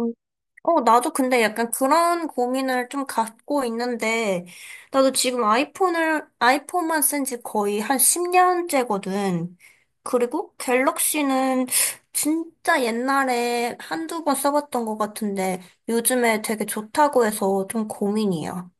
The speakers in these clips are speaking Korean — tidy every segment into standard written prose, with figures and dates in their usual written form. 음. 나도 근데 약간 그런 고민을 좀 갖고 있는데, 나도 지금 아이폰만 쓴 지 거의 한 10년째거든. 그리고 갤럭시는 진짜 옛날에 한두 번 써봤던 것 같은데, 요즘에 되게 좋다고 해서 좀 고민이야.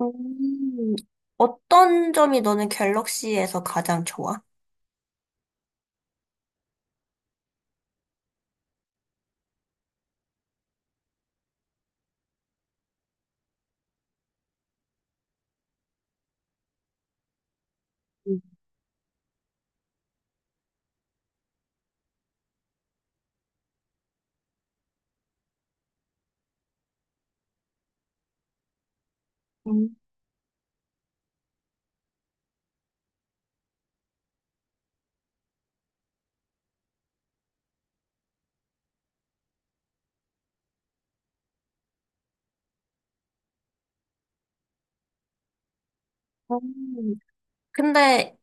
음. 어떤 점이 너는 갤럭시에서 가장 좋아? 음. 음. 근데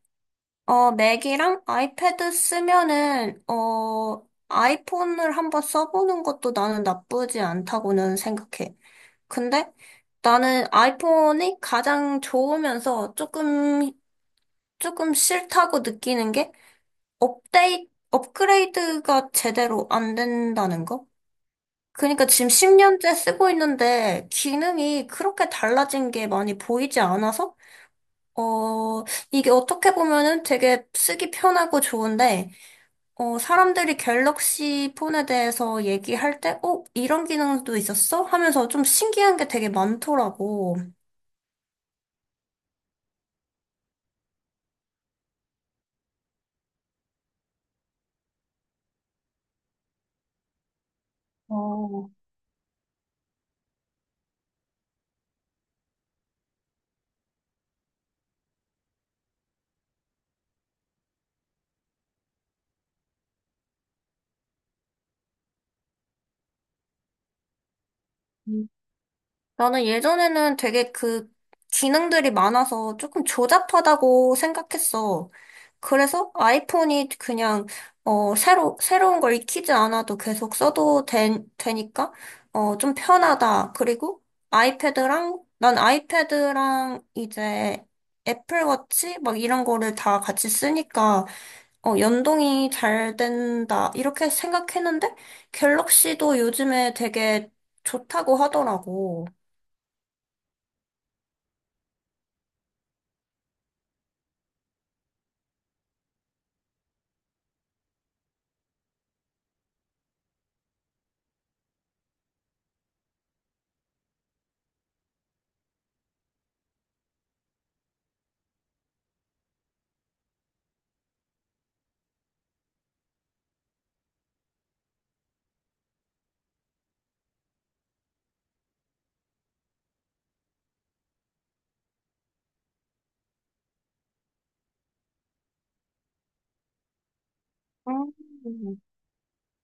맥이랑 아이패드 쓰면은, 아이폰을 한번 써보는 것도 나는 나쁘지 않다고는 생각해. 근데 나는 아이폰이 가장 좋으면서 조금 싫다고 느끼는 게 업그레이드가 제대로 안 된다는 거? 그러니까 지금 10년째 쓰고 있는데 기능이 그렇게 달라진 게 많이 보이지 않아서, 어, 이게 어떻게 보면은 되게 쓰기 편하고 좋은데, 사람들이 갤럭시 폰에 대해서 얘기할 때, 이런 기능도 있었어? 하면서 좀 신기한 게 되게 많더라고. 어. 나는 예전에는 되게 그 기능들이 많아서 조금 조잡하다고 생각했어. 그래서 아이폰이 그냥 새로운 걸 익히지 않아도 계속 써도 되니까 어 좀 편하다. 그리고 아이패드랑 이제 애플워치 막 이런 거를 다 같이 쓰니까 어 연동이 잘 된다. 이렇게 생각했는데 갤럭시도 요즘에 되게 좋다고 하더라고. 음,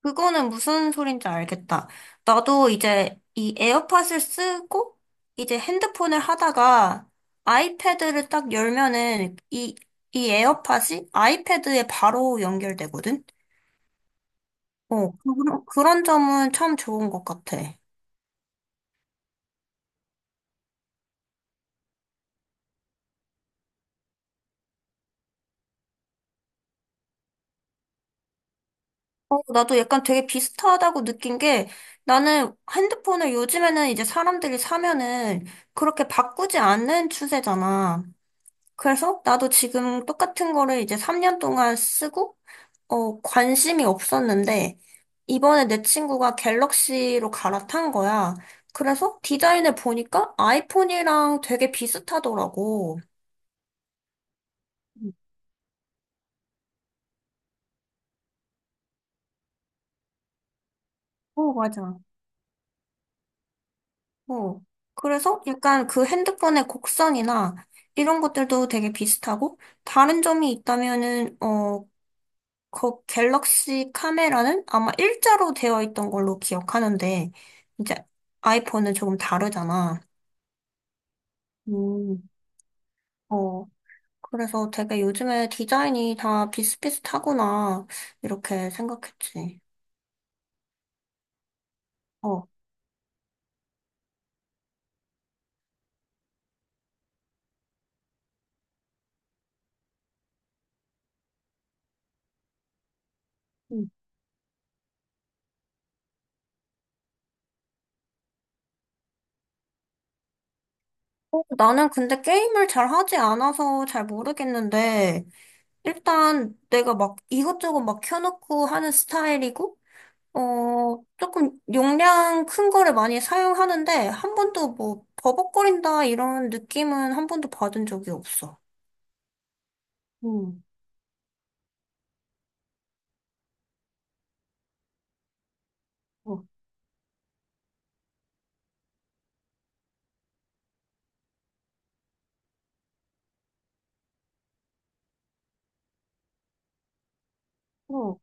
그거는 무슨 소린지 알겠다. 나도 이제 이 에어팟을 쓰고 이제 핸드폰을 하다가 아이패드를 딱 열면은 이 에어팟이 아이패드에 바로 연결되거든? 그런 점은 참 좋은 것 같아. 나도 약간 되게 비슷하다고 느낀 게 나는 핸드폰을 요즘에는 이제 사람들이 사면은 그렇게 바꾸지 않는 추세잖아. 그래서 나도 지금 똑같은 거를 이제 3년 동안 쓰고, 관심이 없었는데, 이번에 내 친구가 갤럭시로 갈아탄 거야. 그래서 디자인을 보니까 아이폰이랑 되게 비슷하더라고. 어, 맞아. 어. 그래서 약간 그 핸드폰의 곡선이나 이런 것들도 되게 비슷하고, 다른 점이 있다면은, 그 갤럭시 카메라는 아마 일자로 되어 있던 걸로 기억하는데, 이제 아이폰은 조금 다르잖아. 음. 어, 그래서 되게 요즘에 디자인이 다 비슷비슷하구나, 이렇게 생각했지. 어. 음. 나는 근데 게임을 잘 하지 않아서 잘 모르겠는데, 일단 내가 막 이것저것 막 켜놓고 하는 스타일이고, 조금 용량 큰 거를 많이 사용하는데 한 번도 뭐 버벅거린다 이런 느낌은 한 번도 받은 적이 없어. 음, 어, 어,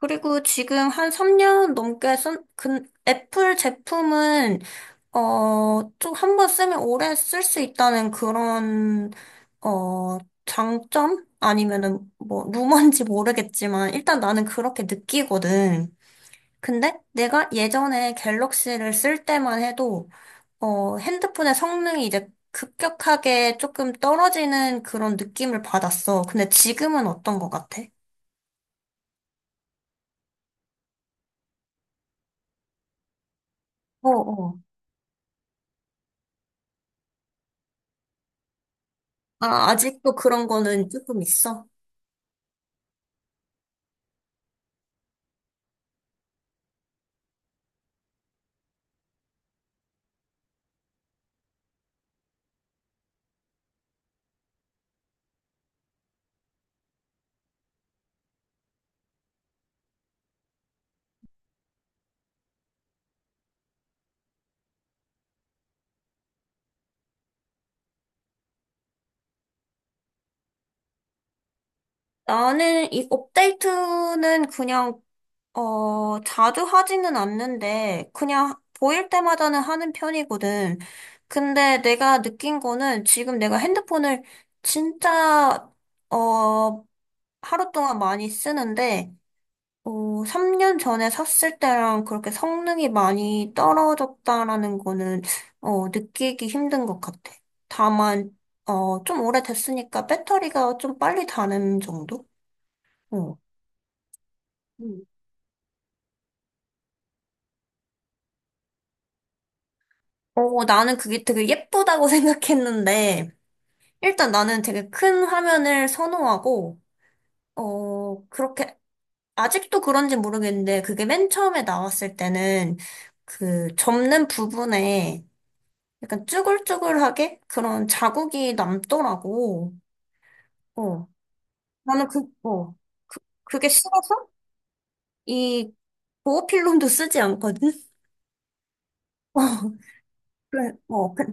그리고 지금 한 3년 넘게 애플 제품은, 좀 한번 쓰면 오래 쓸 수 있다는 그런, 어, 장점? 아니면은, 뭐, 루머인지 모르겠지만, 일단 나는 그렇게 느끼거든. 근데 내가 예전에 갤럭시를 쓸 때만 해도 핸드폰의 성능이 이제 급격하게 조금 떨어지는 그런 느낌을 받았어. 근데 지금은 어떤 것 같아? 어, 어. 아, 아직도 그런 거는 조금 있어? 나는 이 업데이트는 그냥, 자주 하지는 않는데, 그냥 보일 때마다는 하는 편이거든. 근데 내가 느낀 거는 지금 내가 핸드폰을 진짜, 어, 하루 동안 많이 쓰는데, 어, 3년 전에 샀을 때랑 그렇게 성능이 많이 떨어졌다라는 거는, 느끼기 힘든 것 같아. 다만, 좀 오래됐으니까 배터리가 좀 빨리 다는 정도? 어. 음. 나는 그게 되게 예쁘다고 생각했는데, 일단 나는 되게 큰 화면을 선호하고, 어, 그렇게, 아직도 그런지 모르겠는데, 그게 맨 처음에 나왔을 때는, 그, 접는 부분에, 약간 쭈글쭈글하게 그런 자국이 남더라고. 어. 나는 그, 어. 그게 싫어서 이 보호필름도 쓰지 않거든? 어, 그래,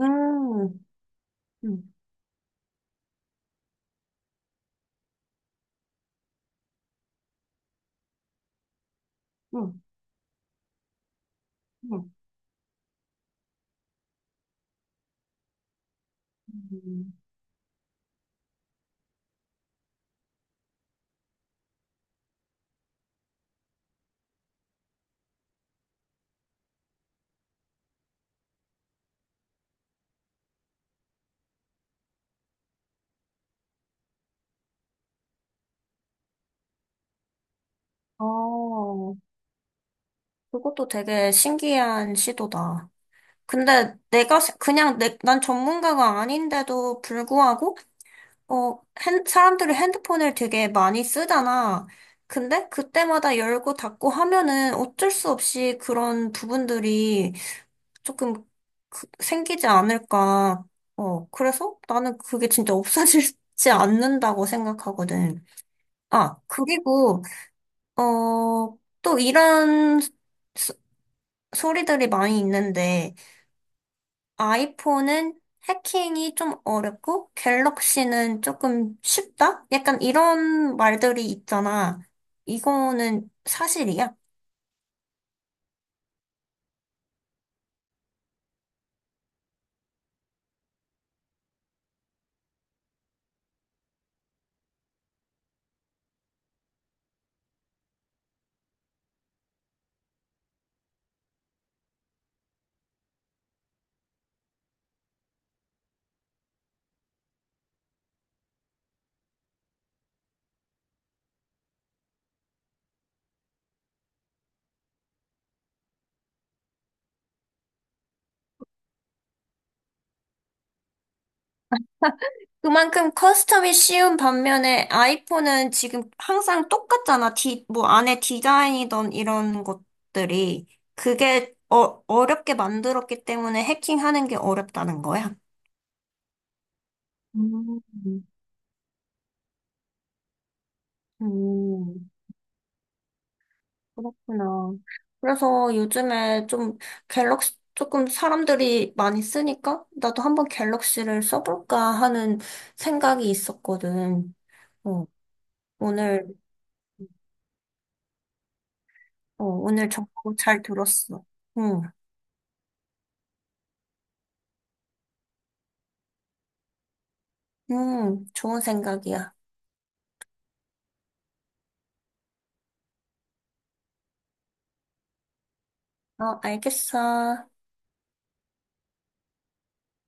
음, 음, 음, 음. 음. 어, 그것도 되게 신기한 시도다. 근데 내가 난 전문가가 아닌데도 불구하고 어, 사람들이 핸드폰을 되게 많이 쓰잖아. 근데 그때마다 열고 닫고 하면은 어쩔 수 없이 그런 부분들이 조금 그- 생기지 않을까. 그래서 나는 그게 진짜 없어지지 않는다고 생각하거든. 아, 그리고, 또 이런 소, 소리들이 많이 있는데, 아이폰은 해킹이 좀 어렵고 갤럭시는 조금 쉽다? 약간 이런 말들이 있잖아. 이거는 사실이야? 그만큼 커스텀이 쉬운 반면에 아이폰은 지금 항상 똑같잖아. 뭐 안에 디자인이던 이런 것들이. 그게 어렵게 만들었기 때문에 해킹하는 게 어렵다는 거야. 음. 음. 그렇구나. 그래서 요즘에 좀 갤럭시, 조금 사람들이 많이 쓰니까 나도 한번 갤럭시를 써볼까 하는 생각이 있었거든. 어, 오늘, 오늘 정보 잘 들었어. 응, 응, 좋은 생각이야. 어, 알겠어.